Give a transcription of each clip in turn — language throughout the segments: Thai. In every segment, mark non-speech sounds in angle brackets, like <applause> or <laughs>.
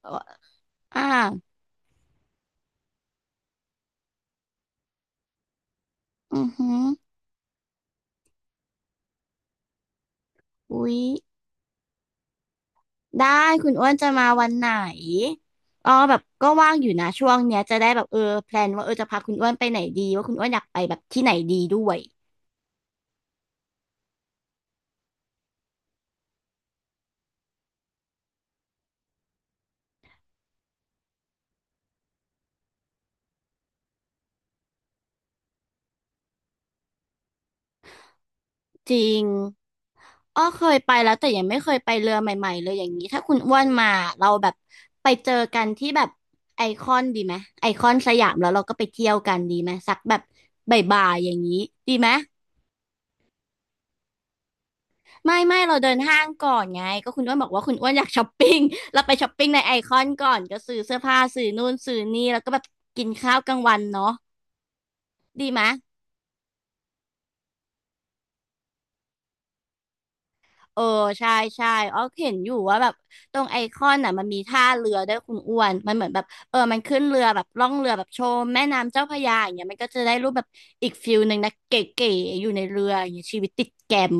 เอ่ออ่าอือหืออุ๊ยได้ คุณอ้วนจะมาวันไหนอ๋อแบบก็ว่างอยู่นะช่วงเนี้ยจะได้แบบเออแพลนว่าเออจะพาคุณอ้วนไปไหนดีว่าคุณอ้วนอยากไปแบบที่ไหนดีด้วยจริงอ้อเคยไปแล้วแต่ยังไม่เคยไปเรือใหม่ๆเลยอย่างนี้ถ้าคุณอ้วนมาเราแบบไปเจอกันที่แบบไอคอนดีไหมไอคอนสยามแล้วเราก็ไปเที่ยวกันดีไหมสักแบบบ่ายๆอย่างนี้ดีไหม ไม่ไม่เราเดินห้างก่อนไงก็คุณอ้วนบอกว่าคุณอ้วนอยากช้อปปิ้ง <laughs> เราไปช้อปปิ้งในไอคอนก่อนก็ซื้อเสื้อผ้าซื้อนู่นซื้อนี่แล้วก็แบบกินข้าวกลางวันเนาะดีไหมยเออใช่ใช่อ๋อเห็นอยู่ว่าแบบตรงไอคอนน่ะมันมีท่าเรือด้วยคุณอ้วนมันเหมือนแบบเออมันขึ้นเรือแบบล่องเรือแบบชมแม่น้ำเจ้าพระยาอย่างเงี้ยมันก็จะได้รูปแบบอีกฟิลหนึ่งนะเก๋ๆอยู่ในเรืออย่างเงี้ยชีวิตติดแกม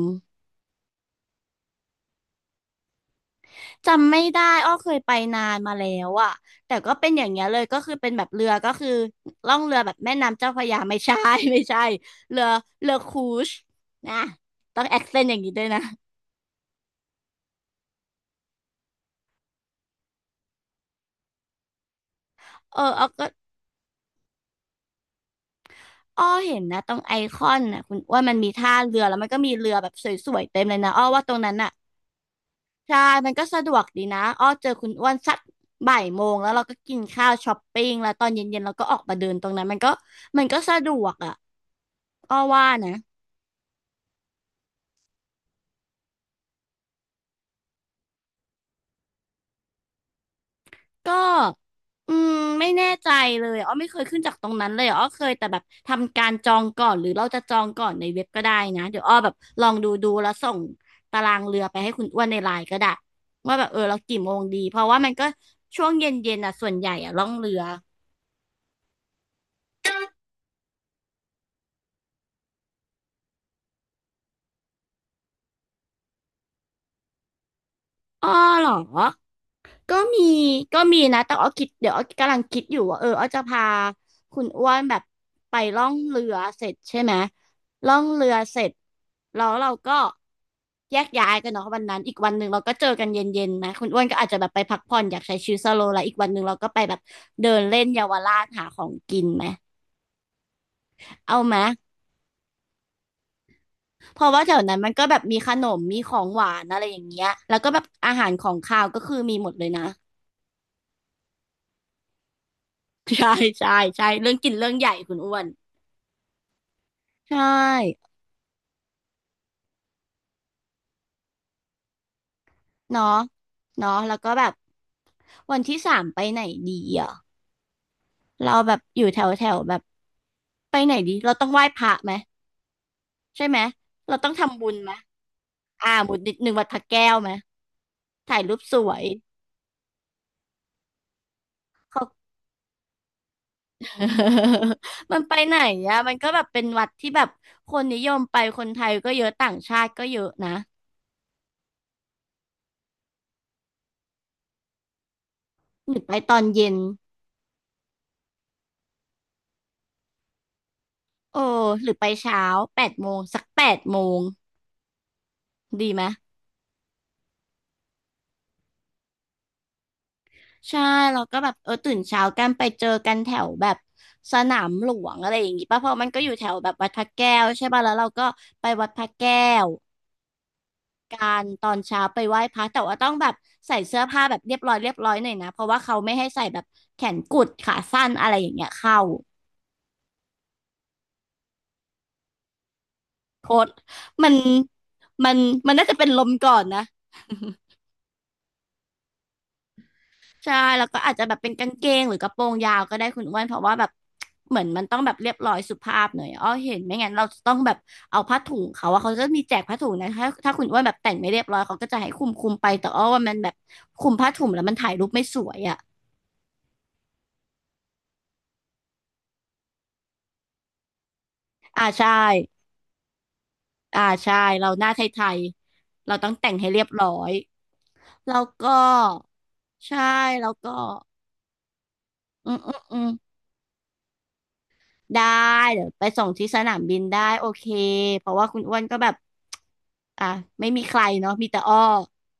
จำไม่ได้อ้อเคยไปนานมาแล้วอะแต่ก็เป็นอย่างเงี้ยเลย ก็คือเป็นแบบเรือก็คือล่องเรือแบบแม่น้ำเจ้าพระยาไม่ใช่ <laughs> ไม่ใช่เรือเรือครูซนะต้องแอคเซนต์อย่างนี้ด้วยนะเอออ้อาก็อ้อเห็นนะตรงไอคอนน่ะคุณว่ามันมีท่าเรือแล้วมันก็มีเรือแบบสวยๆเต็มเลยนะอ้อว่าตรงนั้นน่ะใช่มันก็สะดวกดีนะอ้อเจอคุณอ้วนสักบ่ายโมงแล้วเราก็กินข้าวช้อปปิ้งแล้วตอนเย็นๆเราก็ออกมาเดินตรงนั้นมันก็สะดวกอ่ะอ้อว่านะ ก็อืมไม่แน่ใจเลยอ้อไม่เคยขึ้นจากตรงนั้นเลยอ้อเคยแต่แบบทำการจองก่อนหรือเราจะจองก่อนในเว็บก็ได้นะเดี๋ยวอ้อแบบลองดูดูแล้วส่งตารางเรือไปให้คุณอ้วนในไลน์ก็ได้ว่าแบบเออเรากี่โมงดีเพราะว่ามันก็ช่วงเย็นๆน่ะส่วนใหญ่อะล่องเรืออ้อเหรอ ก็มีก็มีนะแต่อ้อคิดเดี๋ยวอ้อกำลังคิดอยู่ว่าเอออ้อจะพาคุณอ้วนแบบไปล่องเรือเสร็จใช่ไหมล่องเรือเสร็จแล้วเราก็แยกย้ายกันเนาะวันนั้นอีกวันหนึ่งเราก็เจอกันเย็นๆนะคุณอ้วนก็อาจจะแบบไปพักผ่อนอยากใช้ชีวิตสโลว์ไลฟ์อีกวันหนึ่งเราก็ไปแบบเดินเล่นเยาวราชหาของกินไหมเอาไหมเพราะว่าแถวนั้นมันก็แบบมีขนมมีของหวานอะไรอย่างเงี้ยแล้วก็แบบอาหารของคาวก็คือมีหมดเลยนะ <laughs> ใช่ใช่ใช่เรื่องกินเรื่องใหญ่คุณอ้วน ใช่เนาะเนาะแล้วก็แบบวันที่สามไปไหนดีอ่ะเราแบบอยู่แถวแถวแบบไปไหนดีเราต้องไหว้พระไหมใช่ไหมเราต้องทำบุญไหมอ่าหมุดนิดหนึ่งวัดพระแก้วไหมถ่ายรูปสวยเขา <laughs> มันไปไหนอะมันก็แบบเป็นวัดที่แบบคนนิยมไปคนไทยก็เยอะต่างชาติก็เยอะนะหรือไปตอนเย็นโอ้หรือไปเช้าแปดโมงสักแปดโมงดีไหม ใช่เราก็แบบเออตื่นเช้ากันไปเจอกันแถวแบบสนามหลวงอะไรอย่างงี้ป่ะเพราะมันก็อยู่แถวแบบวัดพระแก้วใช่ป่ะแล้วเราก็ไปวัดพระแก้วการตอนเช้าไปไหว้พระแต่ว่าต้องแบบใส่เสื้อผ้าแบบเรียบร้อยเรียบร้อยหน่อยนะเพราะว่าเขาไม่ให้ใส่แบบแขนกุดขาสั้นอะไรอย่างเงี้ยเข้าโคตรมันมันน่าจะเป็นลมก่อนนะ ใช่แล้วก็อาจจะแบบเป็นกางเกงหรือกระโปรงยาวก็ได้คุณอ้วนเพราะว่าแบบเหมือนมันต้องแบบเรียบร้อยสุภาพหน่อยอ้อเห็นไม่งั้นเราจะต้องแบบเอาผ้าถุงเขาว่าเขาจะมีแจกผ้าถุงนะถ้าคุณอ้วนแบบแต่งไม่เรียบร้อยเขาก็จะให้คุมคุมไปแต่อ้อว่ามันแบบคุมผ้าถุงแล้วมันถ่ายรูปไม่สวยอะอ่าใช่อ่าใช่เราหน้าไทยๆเราต้องแต่งให้เรียบร้อยแล้วก็ใช่แล้วก็อืมอืมอืม ได้เดี๋ยวไปส่งที่สนามบินได้โอเคเพราะว่าคุณอ้วนก็แบบอ่ะไม่มีใครเนาะมีแต่อ้อ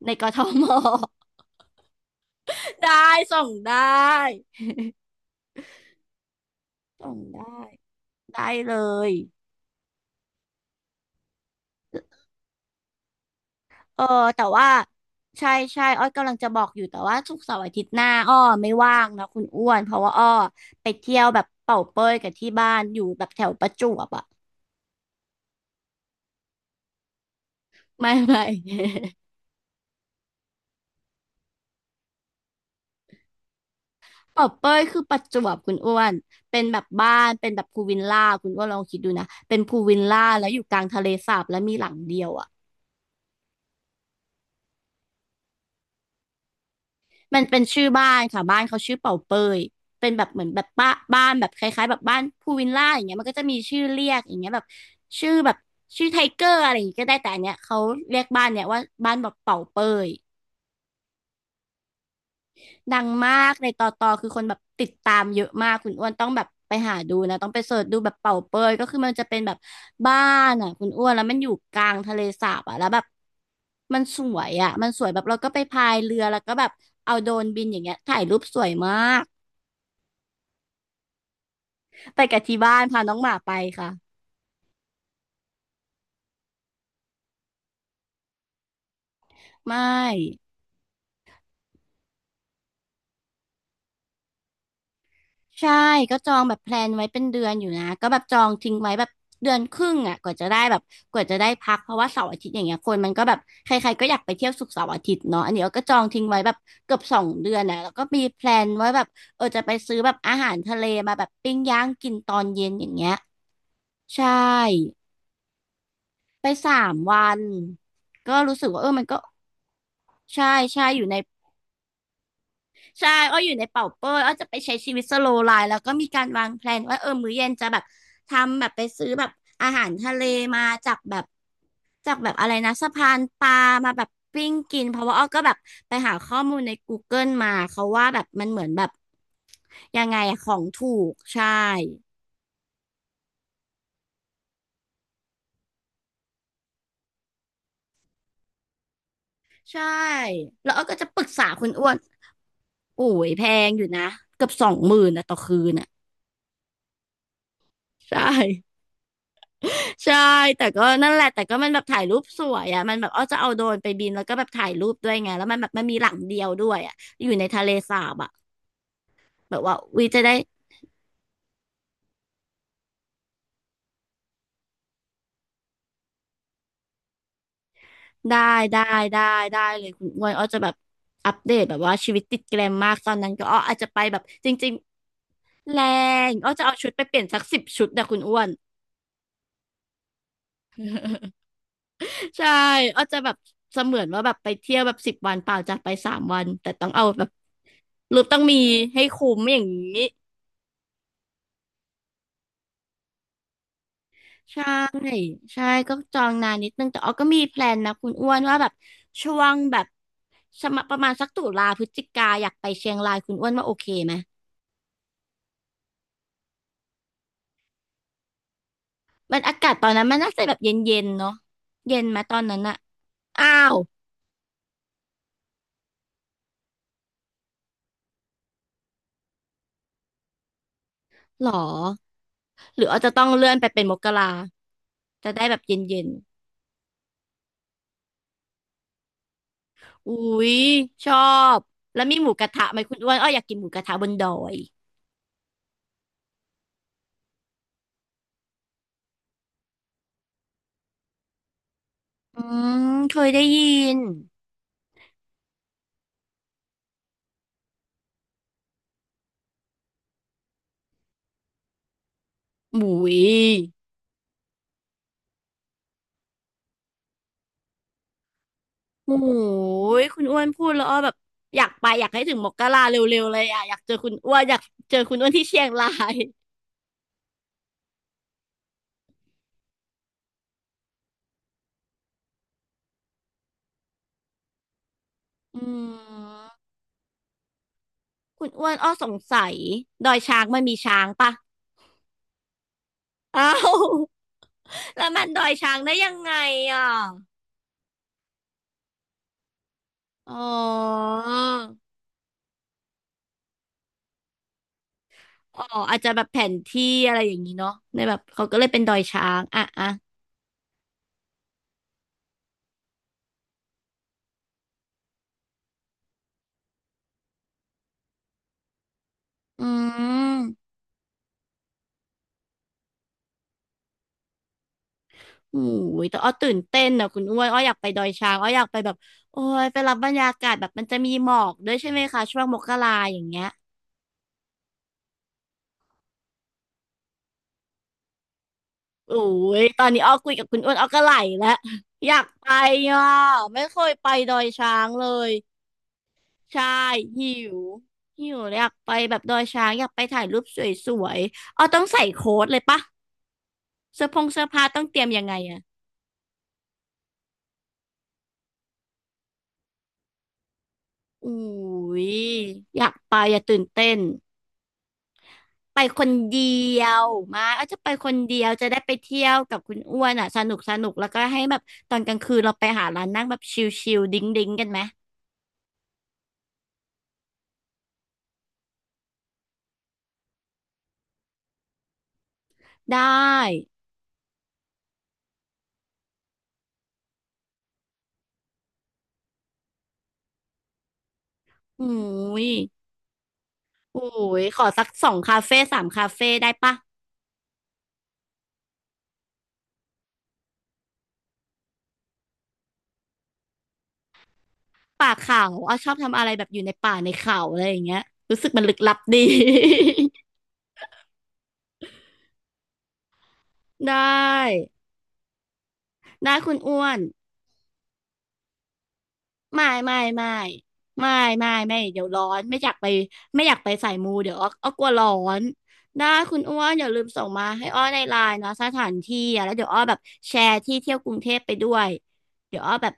ในกทม <laughs> ได้ส่งได้ส่งได้ได้เลยเออแต่ว่าใช่ใช่อ้อยกำลังจะบอกอยู่แต่ว่าศุกร์เสาร์อาทิตย์หน้าอ้อไม่ว่างนะคุณอ้วนเพราะว่าอ้อไปเที่ยวแบบเป่าเป้ยกับที่บ้านอยู่แบบแถวประจวบอ่ะไม่ไม่ <laughs> ปอบเป้ยคือประจวบคุณอ้วนเป็นแบบบ้านเป็นแบบพูลวิลล่าคุณอ้วนลองคิดดูนะเป็นพูลวิลล่าแล้วอยู่กลางทะเลสาบแล้วมีหลังเดียวอ่ะมันเป็นชื่อบ้านค่ะบ้านเขาชื่อเป่าเป้ยเป็นแบบเหมือนแบบบ้านแบบคล้ายๆแบบบ้านพูลวิลล่าอย่างเงี้ยมันก็จะมีชื่อเรียกอย่างเงี้ยแบบชื่อแบบชื่อไทเกอร์อะไรอย่างเงี้ยก็ได้แต่อันเนี้ยเขาเรียกบ้านเนี้ยว่าบ้านแบบเป่าเป้ย ดังมากในตอตอคือคนแบบติดตามเยอะมากคุณอ้วนต้องแบบไปหาดูนะต้องไปเสิร์ชดูแบบเป่าเปยก็คือมันจะเป็นแบบบ้านอ่ะคุณอ้วนแล้วมันอยู่กลางทะเลสาบอ่ะแล้วแบบมันสวยอ่ะมันสวยแบบเราก็ไปพายเรือแล้วก็แบบเอาโดรนบินอย่างเงี้ยถ่ายรูปสวยมากไปกับที่บ้านพาน้องหมาไปค่ะไม่ ใช่ก็จองแบบแพลนไว้เป็นเดือนอยู่นะก็แบบจองทิ้งไว้แบบเดือนครึ่งอ่ะกว่าจะได้พักเพราะว่าเสาร์อาทิตย์อย่างเงี้ยคนมันก็แบบใครๆก็อยากไปเที่ยวศุกร์เสาร์อาทิตย์เนาะอันนี้เราก็จองทิ้งไว้แบบเกือบสองเดือนนะแล้วก็มีแพลนไว้แบบเออจะไปซื้อแบบอาหารทะเลมาแบบปิ้งย่างกินตอนเย็นอย่างเงี้ยใช่ไปสามวันก็รู้สึกว่าเออมันก็ใช่ใช่อยู่ใน ใช่อ้ออยู่ในเป่าเป้ยอ้อจะไปใช้ชีวิตสโลว์ไลฟ์แล้วก็มีการวางแพลนว่าเออมื้อเย็นจะแบบทำแบบไปซื้อแบบอาหารทะเลมาจากแบบจากแบบอะไรนะสะพานปลามาแบบปิ้งกินเพราะว่าอ้อก็แบบไปหาข้อมูลใน Google มาเขาว่าแบบมันเหมือนแบบยังไงอะของถูกใช่ใช่แล้วอ้อก็จะปรึกษาคุณอ้วนโอ้ยแพงอยู่นะเกือบ20,000นะต่อคืนอ่ะใช่ ใช่แต่ก็นั่นแหละแต่ก็มันแบบถ่ายรูปสวยอ่ะมันแบบอ้อจะเอาโดรนไปบินแล้วก็แบบถ่ายรูปด้วยไงแล้วมันแบบมันมีหลังเดียวด้วยอ่ะอยู่ในทะเลสาบอ่ะแบบว่าวีจะได้ได้ได้ได้ได้เลยคุณอ้วนอ้อจะแบบอัปเดตแบบว่าชีวิตติดแกรมมากตอนนั้นก็อ้ออาจจะไปแบบจริงๆแรงอ้อจะเอาชุดไปเปลี่ยนสัก10 ชุดนะคุณอ้วนใช่อ้อจะแบบเสมือนว่าแบบไปเที่ยวแบบ10 วันเปล่าจะไปสามวันแต่ต้องเอาแบบรูปต้องมีให้คุ้มอย่างนี้ ใช่ใช่ก็จองนานนิดนึงแต่ออก็มีแพลนนะคุณอ้วนว่าแบบช่วงแบบสมะประมาณสักตุลาพฤศจิกาอยากไปเชียงรายคุณอ้วนว่าโอเคไหมมันอากาศตอนนั้นมันน่าจะแบบเย็นๆนเนาะเย็นไหมตอนนั้นอะอ้าวหรอหรืออาจจะต้องเลื่อนไปเป็นมกราจะได้แบบเย็นๆอุ้ยชอบแล้วมีหมูกระทะไหมคุณอ้วนอ้ออยากกินหมูกระทะบนดอยอืมเคยได้ยินหมูย โอ้ยคุณอ้วนพูดแล้วอ้อแบบอยากไปอยากให้ถึงมกราเร็วๆเลยอ่ะอยากเจอคุณอ้วนอยากเจอคุณอ้วนที่เชียงรายอืมคุณอ้วนอ้อสงสัยดอยช้างมันมีช้างปะอ้าวแล้วมันดอยช้างได้ยังไงอ่ะอ๋ออ๋ออาจจะแบบแผนที่อะไรอย่างนี้เนาะในแบบเขาก็เลยเป็นดอยช้างอ่ะอ่ะอืม โอ้ยแต่อ้อตื่นเต้นนะคุณอ้วนอ้ออยากไปดอยช้างอ้ออยากไปแบบโอ้ยไปรับบรรยากาศแบบมันจะมีหมอกด้วยใช่ไหมคะช่วงมกราอย่างเงี้ยโอ้ยตอนนี้อ้อคุยกับคุณอ้วนอ้อก็ไหลแล้วอยากไปอ่ะไม่เคยไปดอยช้างเลยใช่หิวหิวอยากไปแบบดอยช้างอยากไปถ่ายรูปสวยๆอ้อต้องใส่โค้ทเลยปะเสื้อผ้าต้องเตรียมยังไงอะโอ้ยอยากไปอย่าตื่นเต้น ไปคนเดียวมาก็จะไปคนเดียวจะได้ไปเที่ยวกับคุณอ้วนอ่ะสนุกสนุกแล้วก็ให้แบบตอนกลางคืนเราไปหาร้านนั่งแบบชิลๆดิ้งดิ้งกันไหมได้อุ้ยอุ้ยขอสักสองคาเฟ่สามคาเฟ่ได้ปะป่าเขาอ้อชอบทำอะไรแบบอยู่ในป่าในเขาอะไรอย่างเงี้ยรู้สึกมันลึกลับดี <laughs> ได้ได้คุณอ้วน ไม่ไม่ไม่ไม่ไม่ไม่เดี๋ยวร้อนไม่อยากไปไม่อยากไปสายมูเดี๋ยวอ้อกลัวร้อนได้คุณอ้วนอย่าลืมส่งมาให้อ้อในไลน์นะสถานที่อะแล้วเดี๋ยวอ้อแบบแชร์ที่เที่ยวกรุงเทพไปด้วยเดี๋ยวอ้อแบบ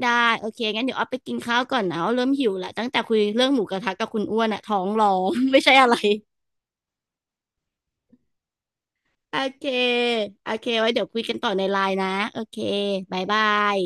ได้โอเคงั้นเดี๋ยวอ้อไปกินข้าวก่อนนะอ้อเริ่มหิวละตั้งแต่คุยเรื่องหมูกระทะกับคุณอ้วนอะท้องร้อง <laughs> ไม่ใช่อะไรโอเคโอเคไว้เดี๋ยวคุยกันต่อในไลน์นะโอเคบายบาย